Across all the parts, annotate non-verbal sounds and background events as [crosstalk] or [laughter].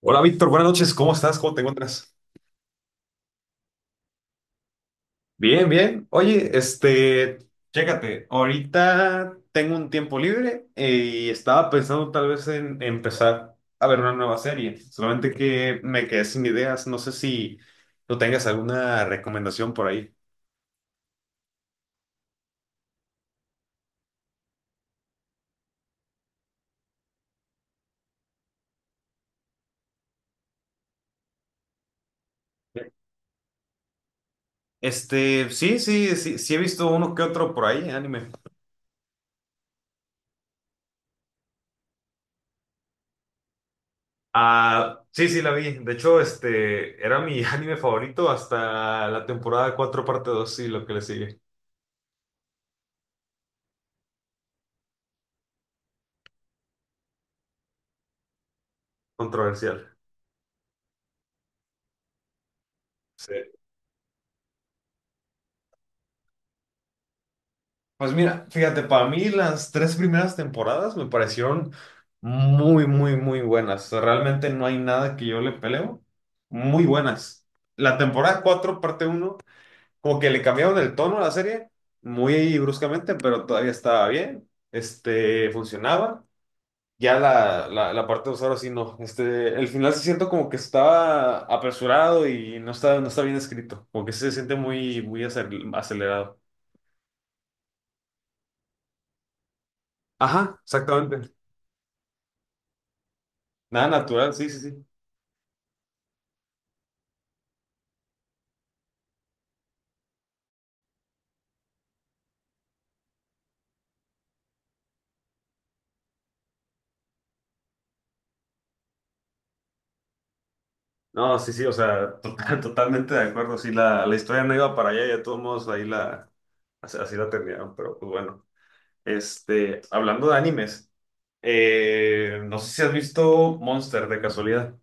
Hola Víctor, buenas noches, ¿cómo estás? ¿Cómo te encuentras? Bien, bien. Oye, chécate, ahorita tengo un tiempo libre y estaba pensando tal vez en empezar a ver una nueva serie, solamente que me quedé sin ideas, no sé si tú tengas alguna recomendación por ahí. Sí, sí, sí, sí he visto uno que otro por ahí, anime. Ah, sí, sí, la vi. De hecho, era mi [laughs] anime favorito hasta la temporada 4 parte dos, sí, lo que le sigue. Controversial. Sí. Pues mira, fíjate, para mí las tres primeras temporadas me parecieron muy, muy, muy buenas. O sea, realmente no hay nada que yo le peleo. Muy buenas. La temporada 4 parte uno como que le cambiaron el tono a la serie muy bruscamente, pero todavía estaba bien. Funcionaba. Ya la parte 2 ahora sí no. El final se siente como que estaba apresurado y no está, no está bien escrito. Como que se siente muy, muy acelerado. Ajá, exactamente. Nada natural, sí, sí, sí. No, sí, sí, o sea, [laughs] totalmente de acuerdo. Sí, la historia no iba para allá, ya de todos modos ahí la, así la terminaron, pero pues bueno. Hablando de animes, no sé si has visto Monster de casualidad.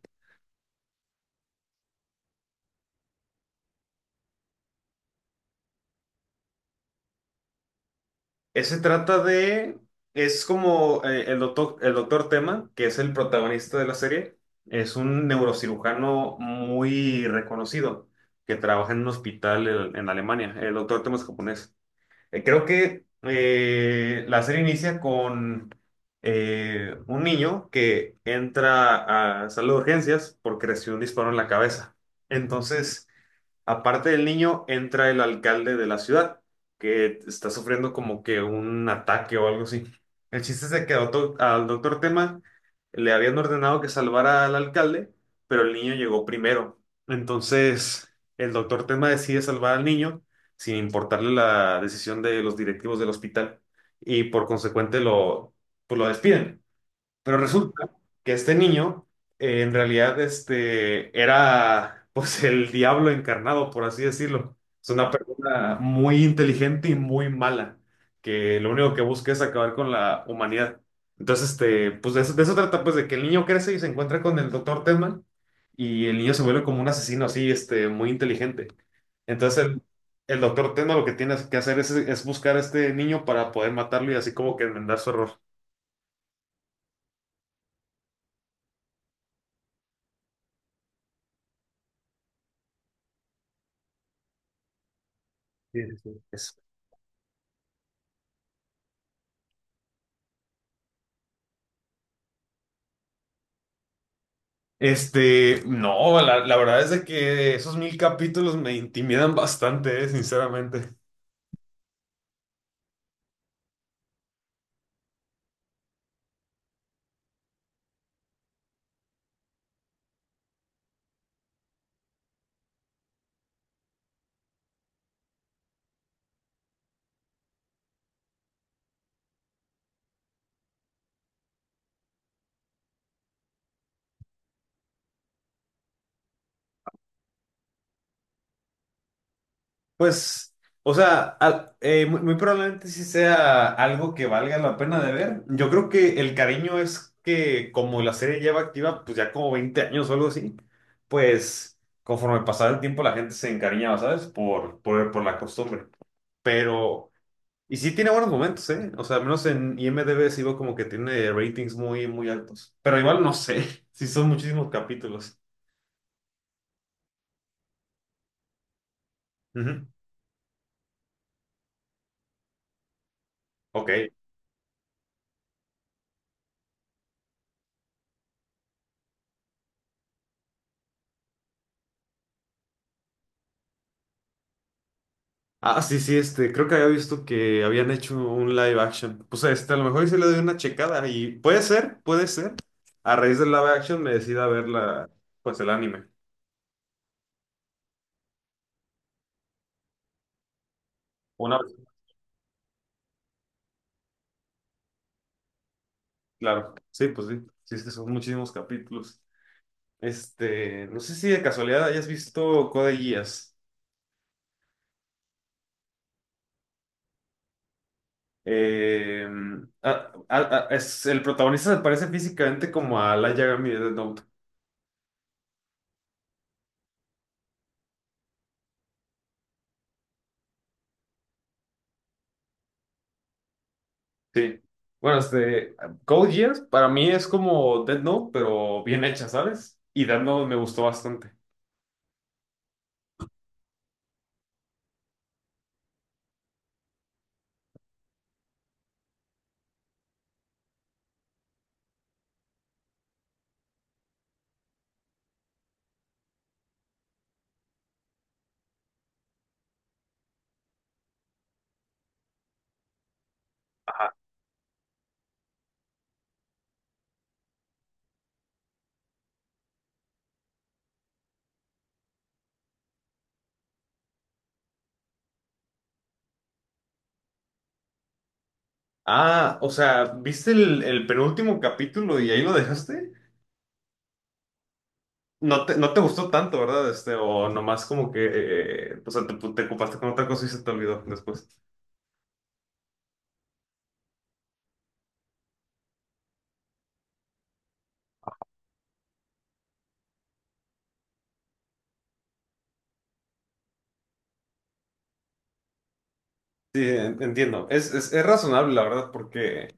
Ese trata de, es como el doctor Tema, que es el protagonista de la serie, es un neurocirujano muy reconocido que trabaja en un hospital en Alemania. El doctor Tema es japonés. Creo que la serie inicia con un niño que entra a sala de urgencias porque recibió un disparo en la cabeza. Entonces, aparte del niño, entra el alcalde de la ciudad, que está sufriendo como que un ataque o algo así. El chiste es de que al doctor Tema le habían ordenado que salvara al alcalde, pero el niño llegó primero. Entonces, el doctor Tema decide salvar al niño sin importarle la decisión de los directivos del hospital y por consecuente pues lo despiden. Pero resulta que este niño, en realidad, era, [laughs] pues, el diablo encarnado, por así decirlo. Es una persona muy inteligente y muy mala, que lo único que busca es acabar con la humanidad. Entonces, pues, de eso trata, pues, de que el niño crece y se encuentra con el doctor Tedman, y el niño se vuelve como un asesino así, muy inteligente. Entonces, el doctor Tedman lo que tiene que hacer es buscar a este niño para poder matarlo y así como que enmendar su error. Sí, sí, sí. No, la verdad es de que esos mil capítulos me intimidan bastante, sinceramente. Pues, o sea, muy, muy probablemente sí sea algo que valga la pena de ver. Yo creo que el cariño es que como la serie lleva activa, pues ya como 20 años o algo así, pues conforme pasaba el tiempo la gente se encariñaba, ¿sabes? Por la costumbre. Pero. Y sí tiene buenos momentos, ¿eh? O sea, al menos en IMDb sí veo como que tiene ratings muy, muy altos. Pero igual no sé, [laughs] sí son muchísimos capítulos. Ujú. Ok. Ah, sí, sí, creo que había visto que habían hecho un live action. Pues a lo mejor sí le doy una checada y puede ser, puede ser. A raíz del live action me decida ver pues el anime. Una vez, claro. Sí, pues sí. Sí, es que son muchísimos capítulos. No sé si de casualidad hayas visto Code Geass. Eh, el protagonista se parece físicamente como a Light Yagami de Death Note. Sí. Bueno, Code Geass para mí es como Death Note, pero bien hecha, ¿sabes? Y Death Note me gustó bastante. Ah, o sea, ¿viste el penúltimo capítulo y ahí lo dejaste? No te, no te gustó tanto, ¿verdad? O nomás como que, o sea, te ocupaste con otra cosa y se te olvidó después. Sí, entiendo. Es razonable, la verdad, porque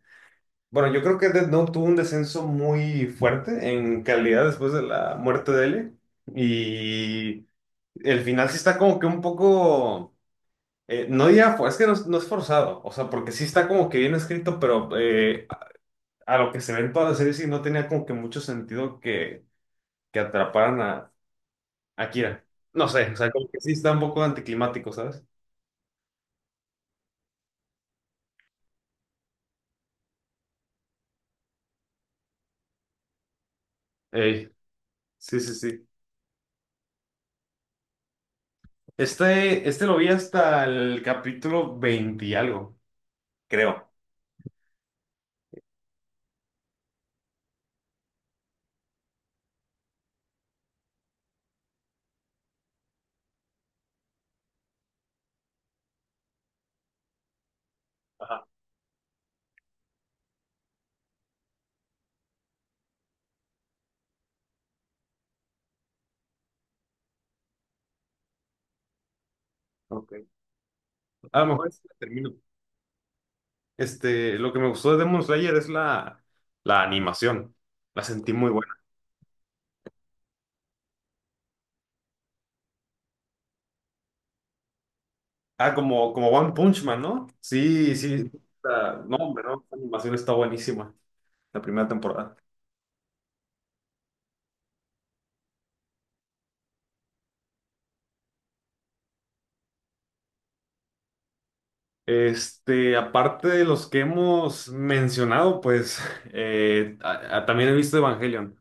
Bueno, yo creo que Death Note tuvo un descenso muy fuerte en calidad después de la muerte de L. Y el final sí está como que un poco. No diría, es que no, es no es forzado. O sea, porque sí está como que bien escrito, pero a lo que se ve en toda la serie sí no tenía como que mucho sentido que, atraparan a, Kira. No sé, o sea, como que sí está un poco anticlimático, ¿sabes? Ey, sí, sí, sí. Este lo vi hasta el capítulo 20 y algo, creo. Ajá. Ok. A lo mejor sí la termino. Lo que me gustó de Demon Slayer es la animación. La sentí muy buena. Ah, como One Punch Man, ¿no? Sí, sí. No, hombre, no. La animación está buenísima. La primera temporada. Aparte de los que hemos mencionado, pues [laughs] también he visto Evangelion.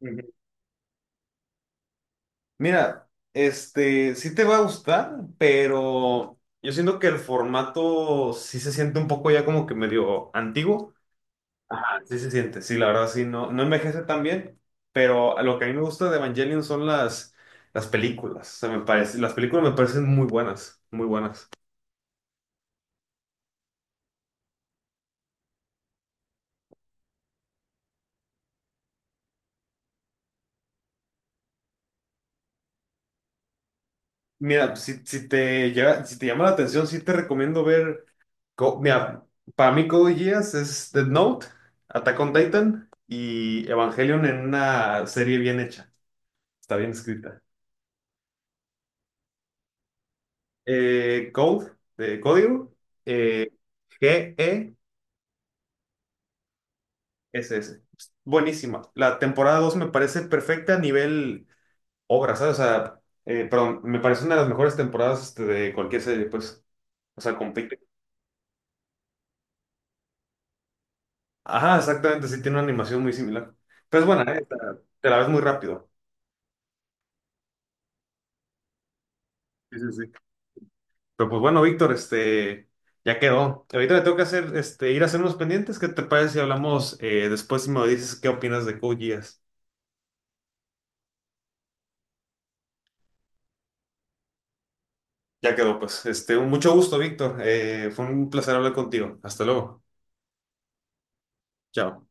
Ujú. Mira, sí te va a gustar, pero yo siento que el formato sí se siente un poco ya como que medio antiguo. Sí se siente, sí, la verdad sí, no, no envejece tan bien, pero lo que a mí me gusta de Evangelion son las películas, o sea, las películas me parecen muy buenas, muy buenas. Mira, si, si te llama la atención, sí te recomiendo ver, mira, para mí Code Geass es Death Note, Attack on Titan y Evangelion en una serie bien hecha, está bien escrita. Code, de código. eh, Ese, ese. Buenísima. La temporada 2 me parece perfecta a nivel obra, ¿sabes? O sea, perdón, me parece una de las mejores temporadas de cualquier serie, pues. O sea, compite. Ajá, exactamente, sí, tiene una animación muy similar. Pero es buena, ¿eh? Te la ves muy rápido. Sí, sí, sí. Pero pues bueno, Víctor, ya quedó. Ahorita le tengo que hacer, ir a hacer unos pendientes. ¿Qué te parece si hablamos después y me dices qué opinas de Code Geass? Ya quedó, pues. Mucho gusto, Víctor. Fue un placer hablar contigo. Hasta luego. Chao.